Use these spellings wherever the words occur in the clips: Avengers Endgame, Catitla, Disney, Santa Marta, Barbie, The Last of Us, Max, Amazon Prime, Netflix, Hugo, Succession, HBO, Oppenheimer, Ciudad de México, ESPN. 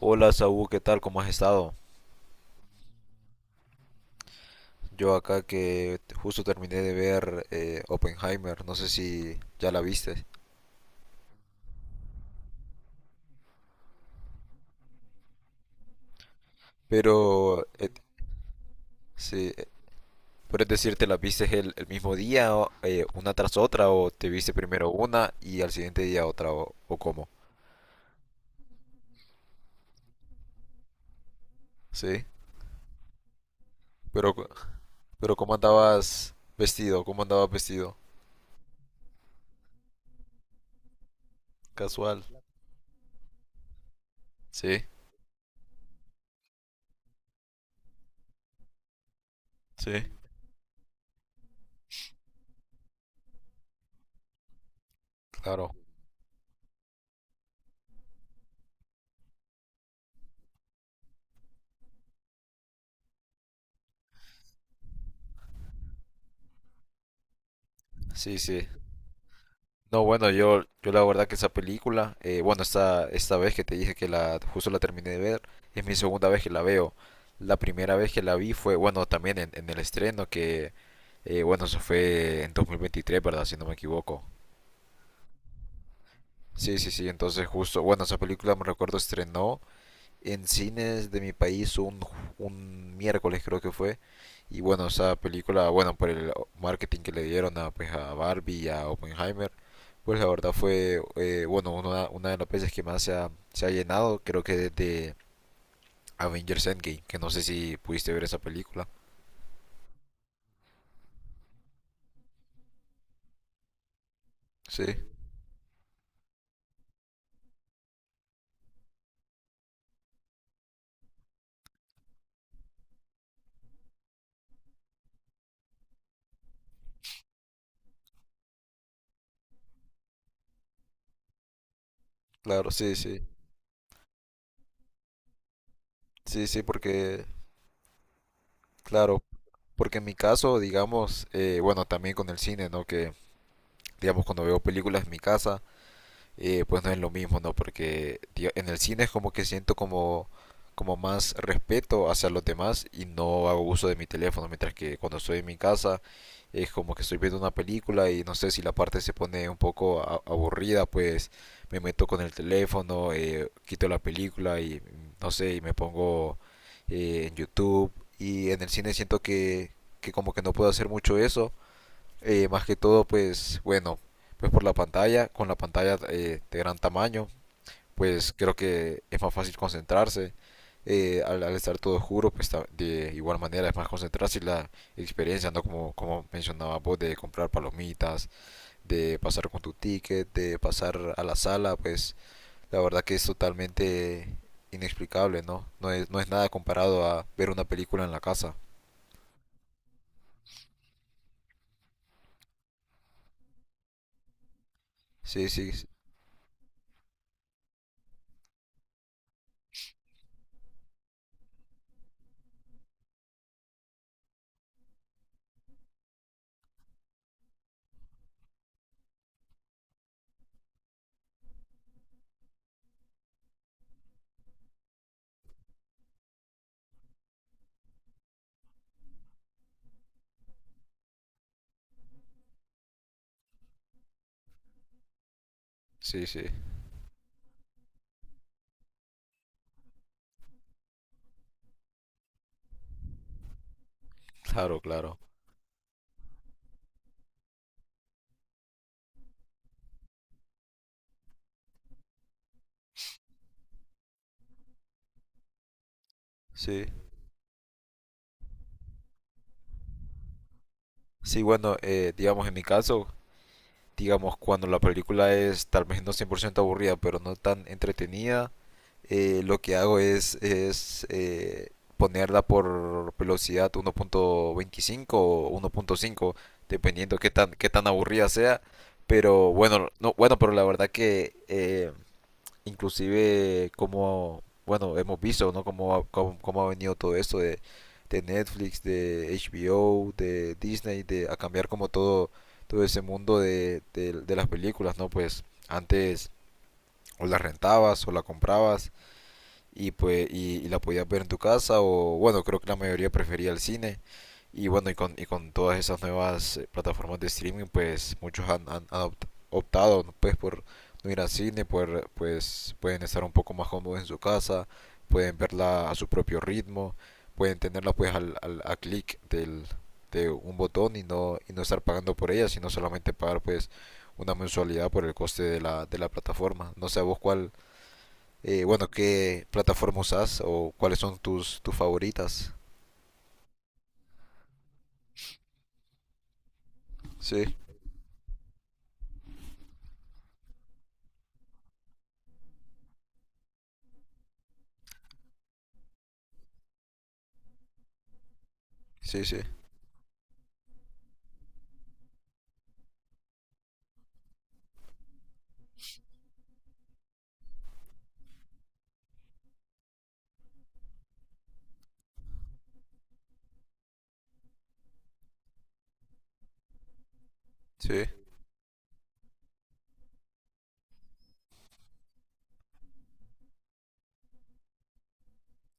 Hola Saúl, ¿qué tal? ¿Cómo has estado? Yo acá que justo terminé de ver Oppenheimer, no sé si ya la viste, pero sí, puedes decirte, ¿la viste el mismo día, o, una tras otra, o te viste primero una y al siguiente día otra, o cómo? Sí, pero, cu- pero ¿cómo andabas vestido? ¿Cómo andabas vestido? Casual. Sí, sí, claro. Sí, sí. No, bueno, yo la verdad que esa película, bueno, esta vez que te dije que justo la terminé de ver, es mi segunda vez que la veo. La primera vez que la vi fue, bueno, también en el estreno, que, bueno, eso fue en 2023, ¿verdad? Si no me equivoco. Sí, sí, sí, entonces justo, bueno, esa película me recuerdo estrenó en cines de mi país un miércoles creo que fue. Y bueno, esa película, bueno, por el marketing que le dieron a, pues, a Barbie y a Oppenheimer, pues la verdad fue, bueno, una de las veces que más se ha llenado, creo que desde Avengers Endgame, que no sé si pudiste ver esa película. Sí, claro, sí, sí. Sí, sí, porque, claro, porque en mi caso, digamos, bueno, también con el cine, ¿no? Que, digamos, cuando veo películas en mi casa, pues no es lo mismo, ¿no? Porque tío, en el cine es como que siento como más respeto hacia los demás y no hago uso de mi teléfono, mientras que cuando estoy en mi casa es como que estoy viendo una película y no sé si la parte se pone un poco aburrida, pues me meto con el teléfono, quito la película y no sé, y me pongo en YouTube y en el cine siento que como que no puedo hacer mucho eso, más que todo, pues bueno, pues por la pantalla, con la pantalla de gran tamaño, pues creo que es más fácil concentrarse. Al estar todo oscuro, pues de igual manera es más concentrarse y la experiencia, ¿no? Como mencionaba vos, de comprar palomitas, de pasar con tu ticket, de pasar a la sala, pues la verdad que es totalmente inexplicable, ¿no? No es nada comparado a ver una película en la casa. Sí, sí, sí, sí, claro, claro. Sí. Sí, bueno, digamos en mi caso, digamos cuando la película es tal vez no 100% aburrida, pero no tan entretenida, lo que hago es, ponerla por velocidad 1.25 o 1.5, dependiendo qué tan aburrida sea. Pero bueno, no, bueno, pero la verdad que inclusive como, bueno, hemos visto, ¿no? Cómo ha venido todo esto de, de, Netflix, de HBO, de Disney, a cambiar como todo, ese mundo de las películas, ¿no? Pues antes o las rentabas o la comprabas y la podías ver en tu casa o bueno, creo que la mayoría prefería el cine. Y bueno, y con todas esas nuevas plataformas de streaming, pues muchos han optado ¿no? pues por no ir al cine, pues pueden estar un poco más cómodos en su casa, pueden verla a su propio ritmo, pueden tenerla pues a clic de un botón y no, estar pagando por ella, sino solamente pagar pues una mensualidad por el coste de la plataforma. No sé, ¿a vos cuál, bueno, qué plataforma usas o cuáles son tus favoritas? Sí, sí, sí, sí,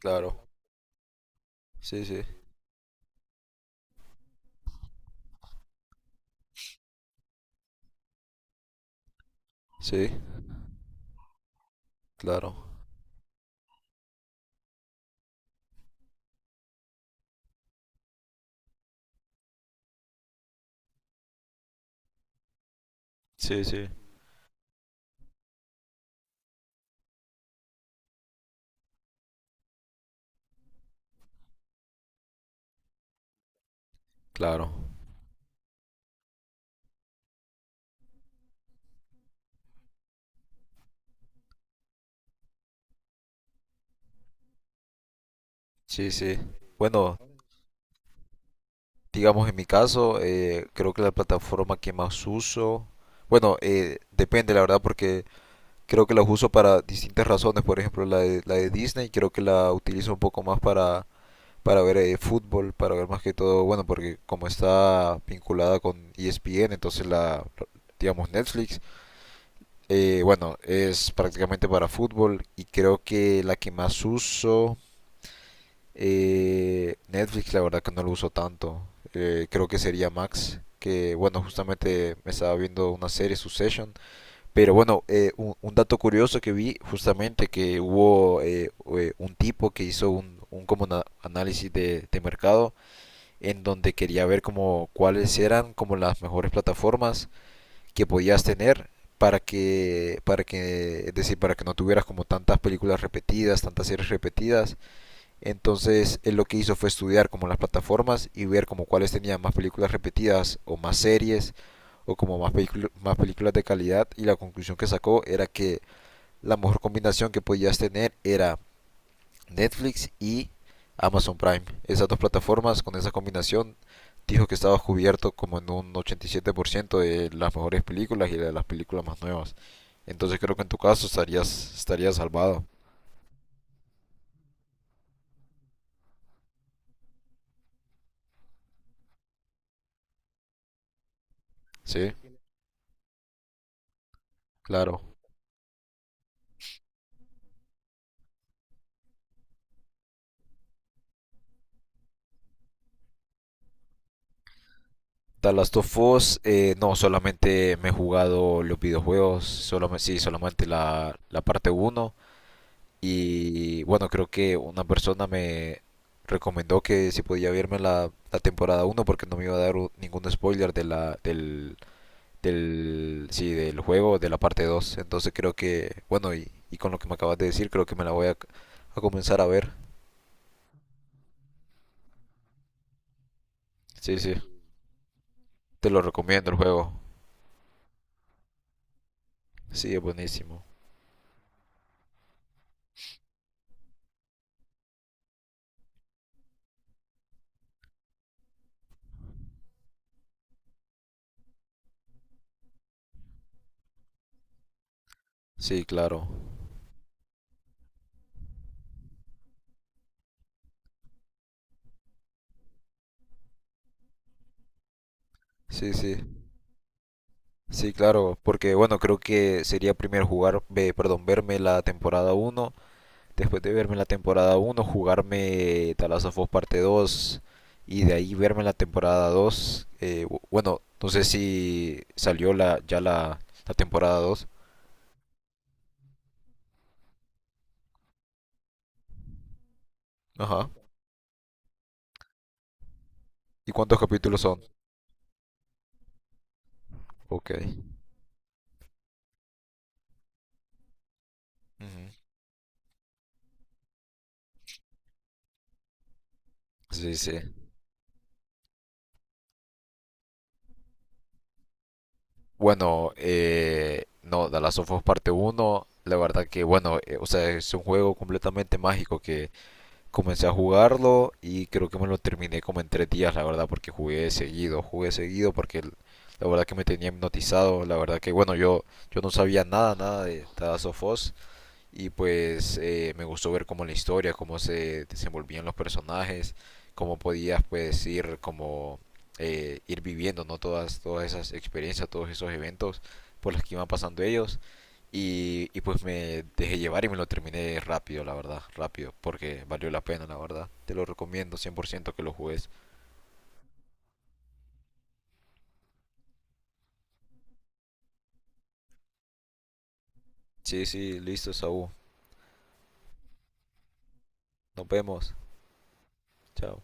claro. Sí, sí, sí, claro. Sí, sí, claro. Sí, sí. Bueno, digamos en mi caso, creo que la plataforma que más uso, bueno, depende la verdad porque creo que las uso para distintas razones. Por ejemplo, la de Disney creo que la utilizo un poco más para ver fútbol, para ver más que todo, bueno, porque como está vinculada con ESPN, entonces la, digamos, Netflix, bueno, es prácticamente para fútbol y creo que la que más uso, Netflix, la verdad que no lo uso tanto, creo que sería Max. Que bueno, justamente me estaba viendo una serie, Succession. Pero bueno, un dato curioso que vi, justamente que hubo un tipo que hizo un análisis de mercado en donde quería ver como cuáles eran como las mejores plataformas que podías tener para que es decir para que no tuvieras como tantas películas repetidas tantas series repetidas entonces él lo que hizo fue estudiar como las plataformas y ver como cuáles tenían más películas repetidas o más series o como más películas de calidad y la conclusión que sacó era que la mejor combinación que podías tener era Netflix y Amazon Prime. Esas dos plataformas con esa combinación dijo que estaba cubierto como en un 87% de las mejores películas y de las películas más nuevas. Entonces creo que en tu caso estarías salvado. Sí, claro. The Last of Us, no, solamente me he jugado los videojuegos, solamente, sí, solamente la parte uno. Y bueno, creo que una persona me recomendó que si podía verme la temporada uno porque no me iba a dar ningún spoiler de la, del, del, sí, del juego, de la parte dos. Entonces creo que, bueno, y con lo que me acabas de decir, creo que me la voy a comenzar a ver. Sí, sí, te lo recomiendo el juego. Sí, es buenísimo. Sí, claro. Sí, sí. Sí, claro, porque bueno, creo que sería primero jugar, ve, perdón, verme la temporada uno después de verme la temporada uno jugarme Talazofos parte 2 y de ahí verme la temporada 2 bueno, no sé si salió la, ya la temporada dos. Ajá. ¿Y cuántos capítulos son? Ok. Ujú. Sí, sí. Bueno, no, The Last of Us parte uno la verdad que, bueno, o sea, es un juego completamente mágico que comencé a jugarlo y creo que me lo terminé como en 3 días, la verdad, porque jugué seguido porque la verdad que me tenía hipnotizado, la verdad que bueno, yo no sabía nada, nada de Tada Sofos y pues me gustó ver como la historia, cómo se desenvolvían los personajes, cómo podías pues ir como ir viviendo, ¿no? Todas, todas esas experiencias, todos esos eventos por los que iban pasando ellos. Y pues me dejé llevar y me lo terminé rápido, la verdad, rápido, porque valió la pena, la verdad. Te lo recomiendo 100% que lo juegues. Sí, sí, listo, Saúl. Nos vemos. Chao.